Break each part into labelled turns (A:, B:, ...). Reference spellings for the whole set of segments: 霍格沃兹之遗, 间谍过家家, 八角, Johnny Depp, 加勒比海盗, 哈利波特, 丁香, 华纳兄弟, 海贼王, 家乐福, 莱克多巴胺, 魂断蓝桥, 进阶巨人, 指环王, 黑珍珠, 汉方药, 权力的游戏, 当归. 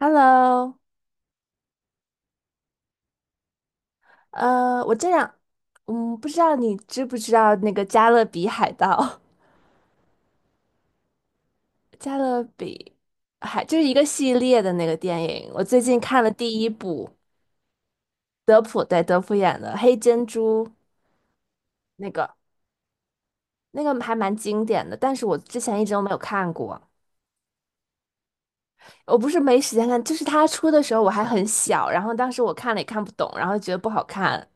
A: Hello，我这样，不知道你知不知道那个《加勒比海盗》《加勒比海》就是一个系列的那个电影。我最近看了第一部，德普对德普演的《黑珍珠》，那个那个还蛮经典的，但是我之前一直都没有看过。我不是没时间看，就是他出的时候我还很小，然后当时我看了也看不懂，然后觉得不好看，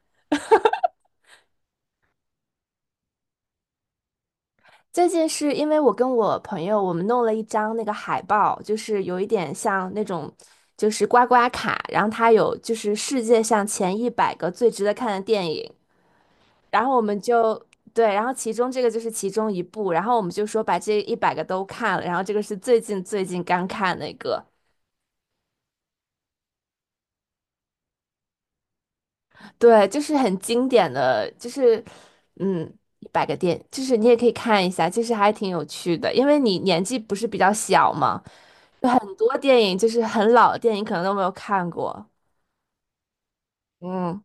A: 最近是因为我跟我朋友，我们弄了一张那个海报，就是有一点像那种，就是刮刮卡，然后它有就是世界上前一百个最值得看的电影，然后我们就对，然后其中这个就是其中一部，然后我们就说把这一百个都看了，然后这个是最近刚看那个，对，就是很经典的，就是嗯。一百个电，就是你也可以看一下，其实还挺有趣的，因为你年纪不是比较小嘛，就很多电影就是很老的电影，可能都没有看过。嗯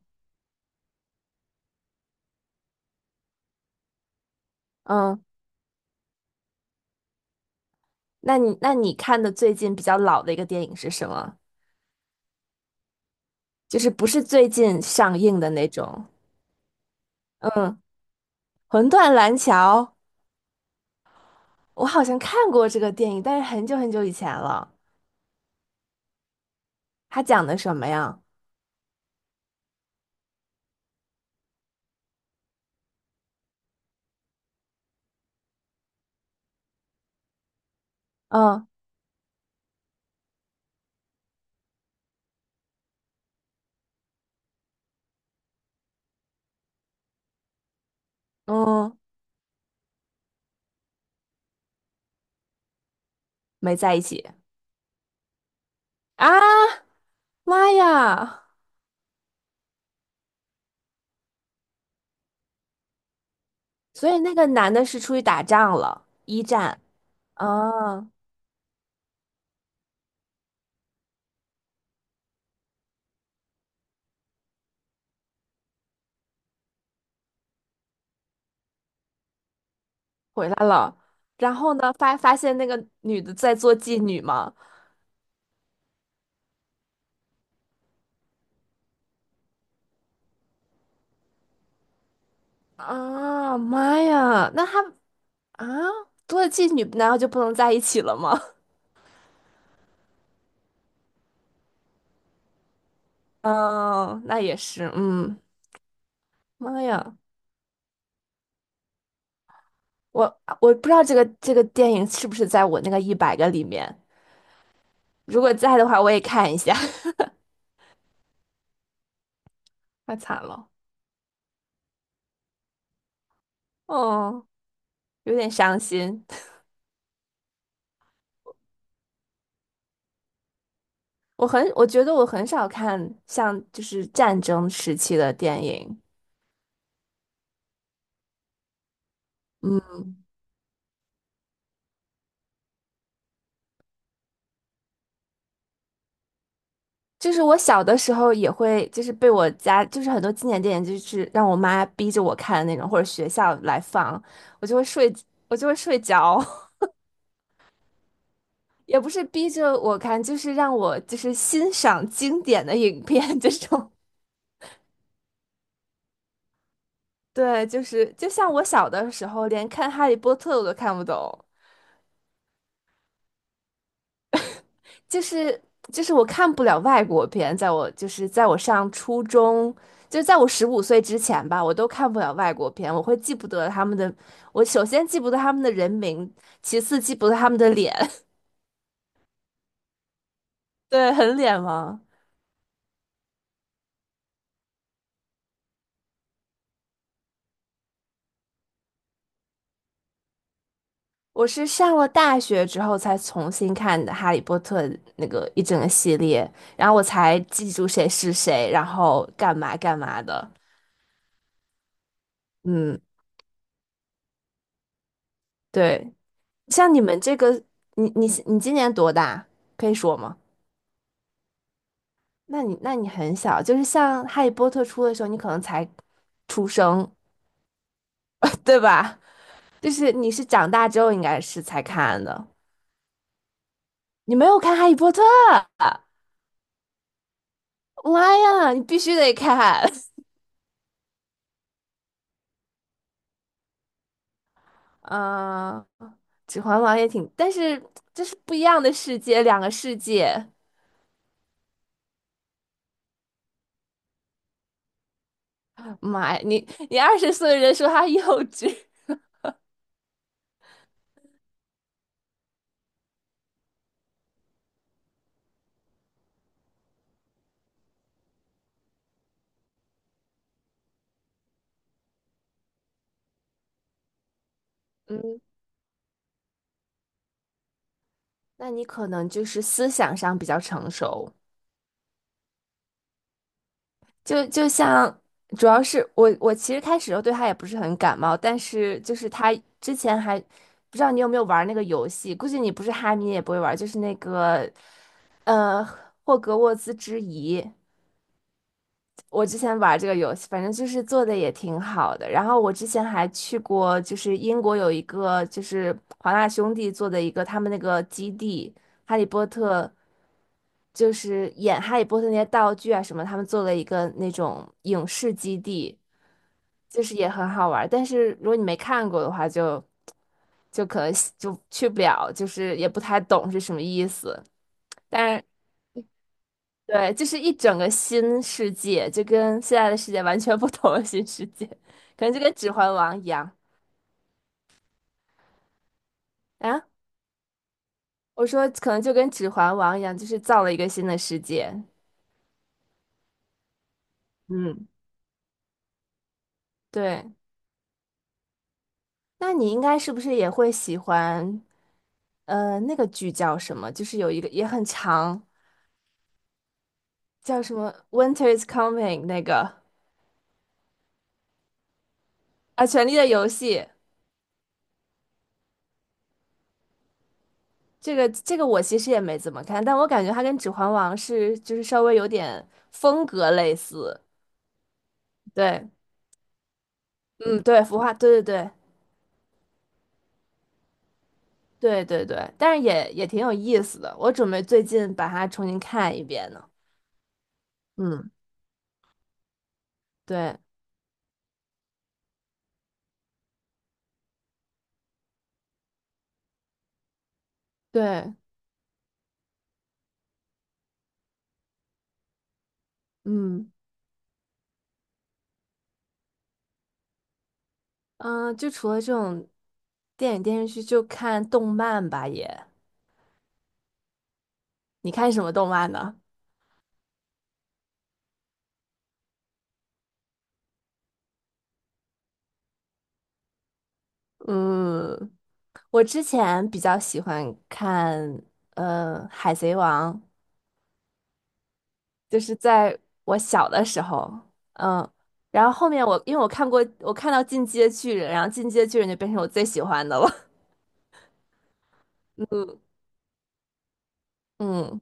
A: 嗯，那你看的最近比较老的一个电影是什么？就是不是最近上映的那种？嗯，《魂断蓝桥》，我好像看过这个电影，但是很久很久以前了。它讲的什么呀？嗯嗯，没在一起啊！妈呀！所以那个男的是出去打仗了，一战。啊。回来了，然后呢，发现那个女的在做妓女嘛，啊妈呀，那她啊做了妓女，难道就不能在一起了吗？嗯，那也是，嗯，妈呀，我不知道这个电影是不是在我那个一百个里面，如果在的话，我也看一下，太惨了，哦，有点伤心。我觉得我很少看像就是战争时期的电影，嗯。就是我小的时候也会，就是被我家，就是很多经典电影，就是让我妈逼着我看的那种，或者学校来放，我就会睡，我就会睡着，也不是逼着我看，就是让我就是欣赏经典的影片这种。对，就是就像我小的时候，连看《哈利波特》我都看不懂。就是就是我看不了外国片，就是在我上初中，就是在我15岁之前吧，我都看不了外国片，我会记不得他们的，我首先记不得他们的人名，其次记不得他们的脸，对，很脸盲。我是上了大学之后才重新看的《哈利波特》那个一整个系列，然后我才记住谁是谁，然后干嘛干嘛的。嗯，对，像你们这个，你今年多大？可以说吗？那你很小，就是像《哈利波特》出的时候，你可能才出生，对吧？就是你是长大之后应该是才看的，你没有看《哈利波特》，妈呀，你必须得看。嗯，《指环王》也挺，但是这是不一样的世界，两个世界。妈呀，你20岁的人说他幼稚，嗯，那你可能就是思想上比较成熟。就像，主要是我其实开始的时候对他也不是很感冒，但是就是他之前还不知道你有没有玩那个游戏，估计你不是哈迷也不会玩，就是那个呃霍格沃兹之遗。我之前玩这个游戏，反正就是做的也挺好的。然后我之前还去过，就是英国有一个就是华纳兄弟做的一个他们那个基地，《哈利波特》就是演《哈利波特》那些道具啊什么，他们做了一个那种影视基地，就是也很好玩儿但是如果你没看过的话就可能就去不了，就是也不太懂是什么意思。但对，就是一整个新世界，就跟现在的世界完全不同的新世界，可能就跟《指环王》一样啊。我说可能就跟《指环王》一样，就是造了一个新的世界。嗯，对，那你应该是不是也会喜欢？那个剧叫什么？就是有一个也很长，叫什么《Winter is Coming》那个啊，《权力的游戏》这个我其实也没怎么看，但我感觉它跟《指环王》是就是稍微有点风格类似。对。嗯，对，孵化，对对对对对对，但是也挺有意思的。我准备最近把它重新看一遍呢。嗯，对对，嗯嗯，就除了这种电影电视剧，就看动漫吧也。你看什么动漫呢？嗯，我之前比较喜欢看《海贼王》，就是在我小的时候，嗯，然后后面我因为我看过，我看到《进阶巨人》，然后《进阶巨人》就变成我最喜欢的了。嗯嗯，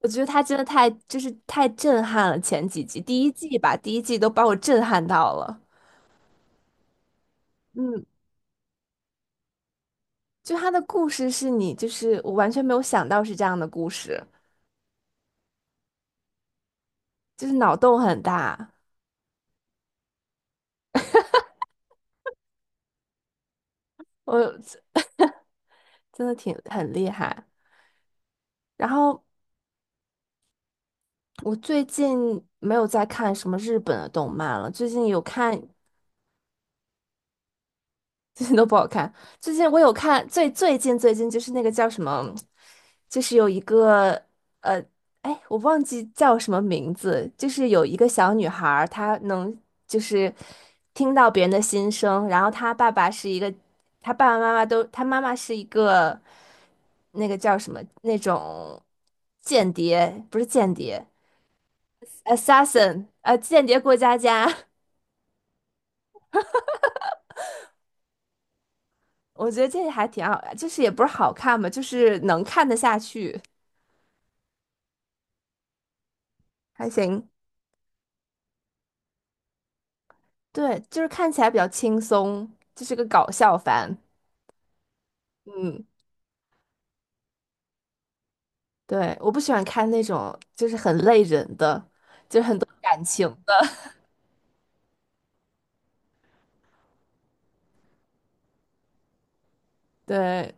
A: 我觉得他真的太就是太震撼了，前几集第一季吧，第一季都把我震撼到了。嗯，就他的故事是你就是我完全没有想到是这样的故事，就是脑洞很大，我真的挺很厉害。然后我最近没有在看什么日本的动漫了，最近有看最近都不好看。最近我有看，最近就是那个叫什么，就是有一个呃，哎，我忘记叫什么名字，就是有一个小女孩儿她能就是听到别人的心声，然后她爸爸是一个，她爸爸妈妈都，她妈妈是一个那个叫什么那种间谍，不是间谍，assassin，间谍过家家。我觉得这还挺好，就是也不是好看吧，就是能看得下去。还行。对，就是看起来比较轻松，就是个搞笑番。嗯，对，我不喜欢看那种就是很累人的，就是很多感情的。对，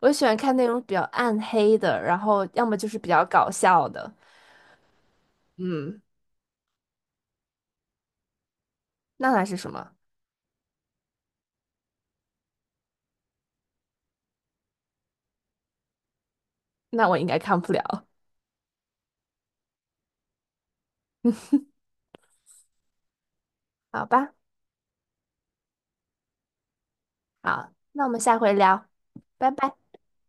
A: 我喜欢看那种比较暗黑的，然后要么就是比较搞笑的。那那是什么？那我应该看不了。好吧，好，那我们下回聊，拜拜。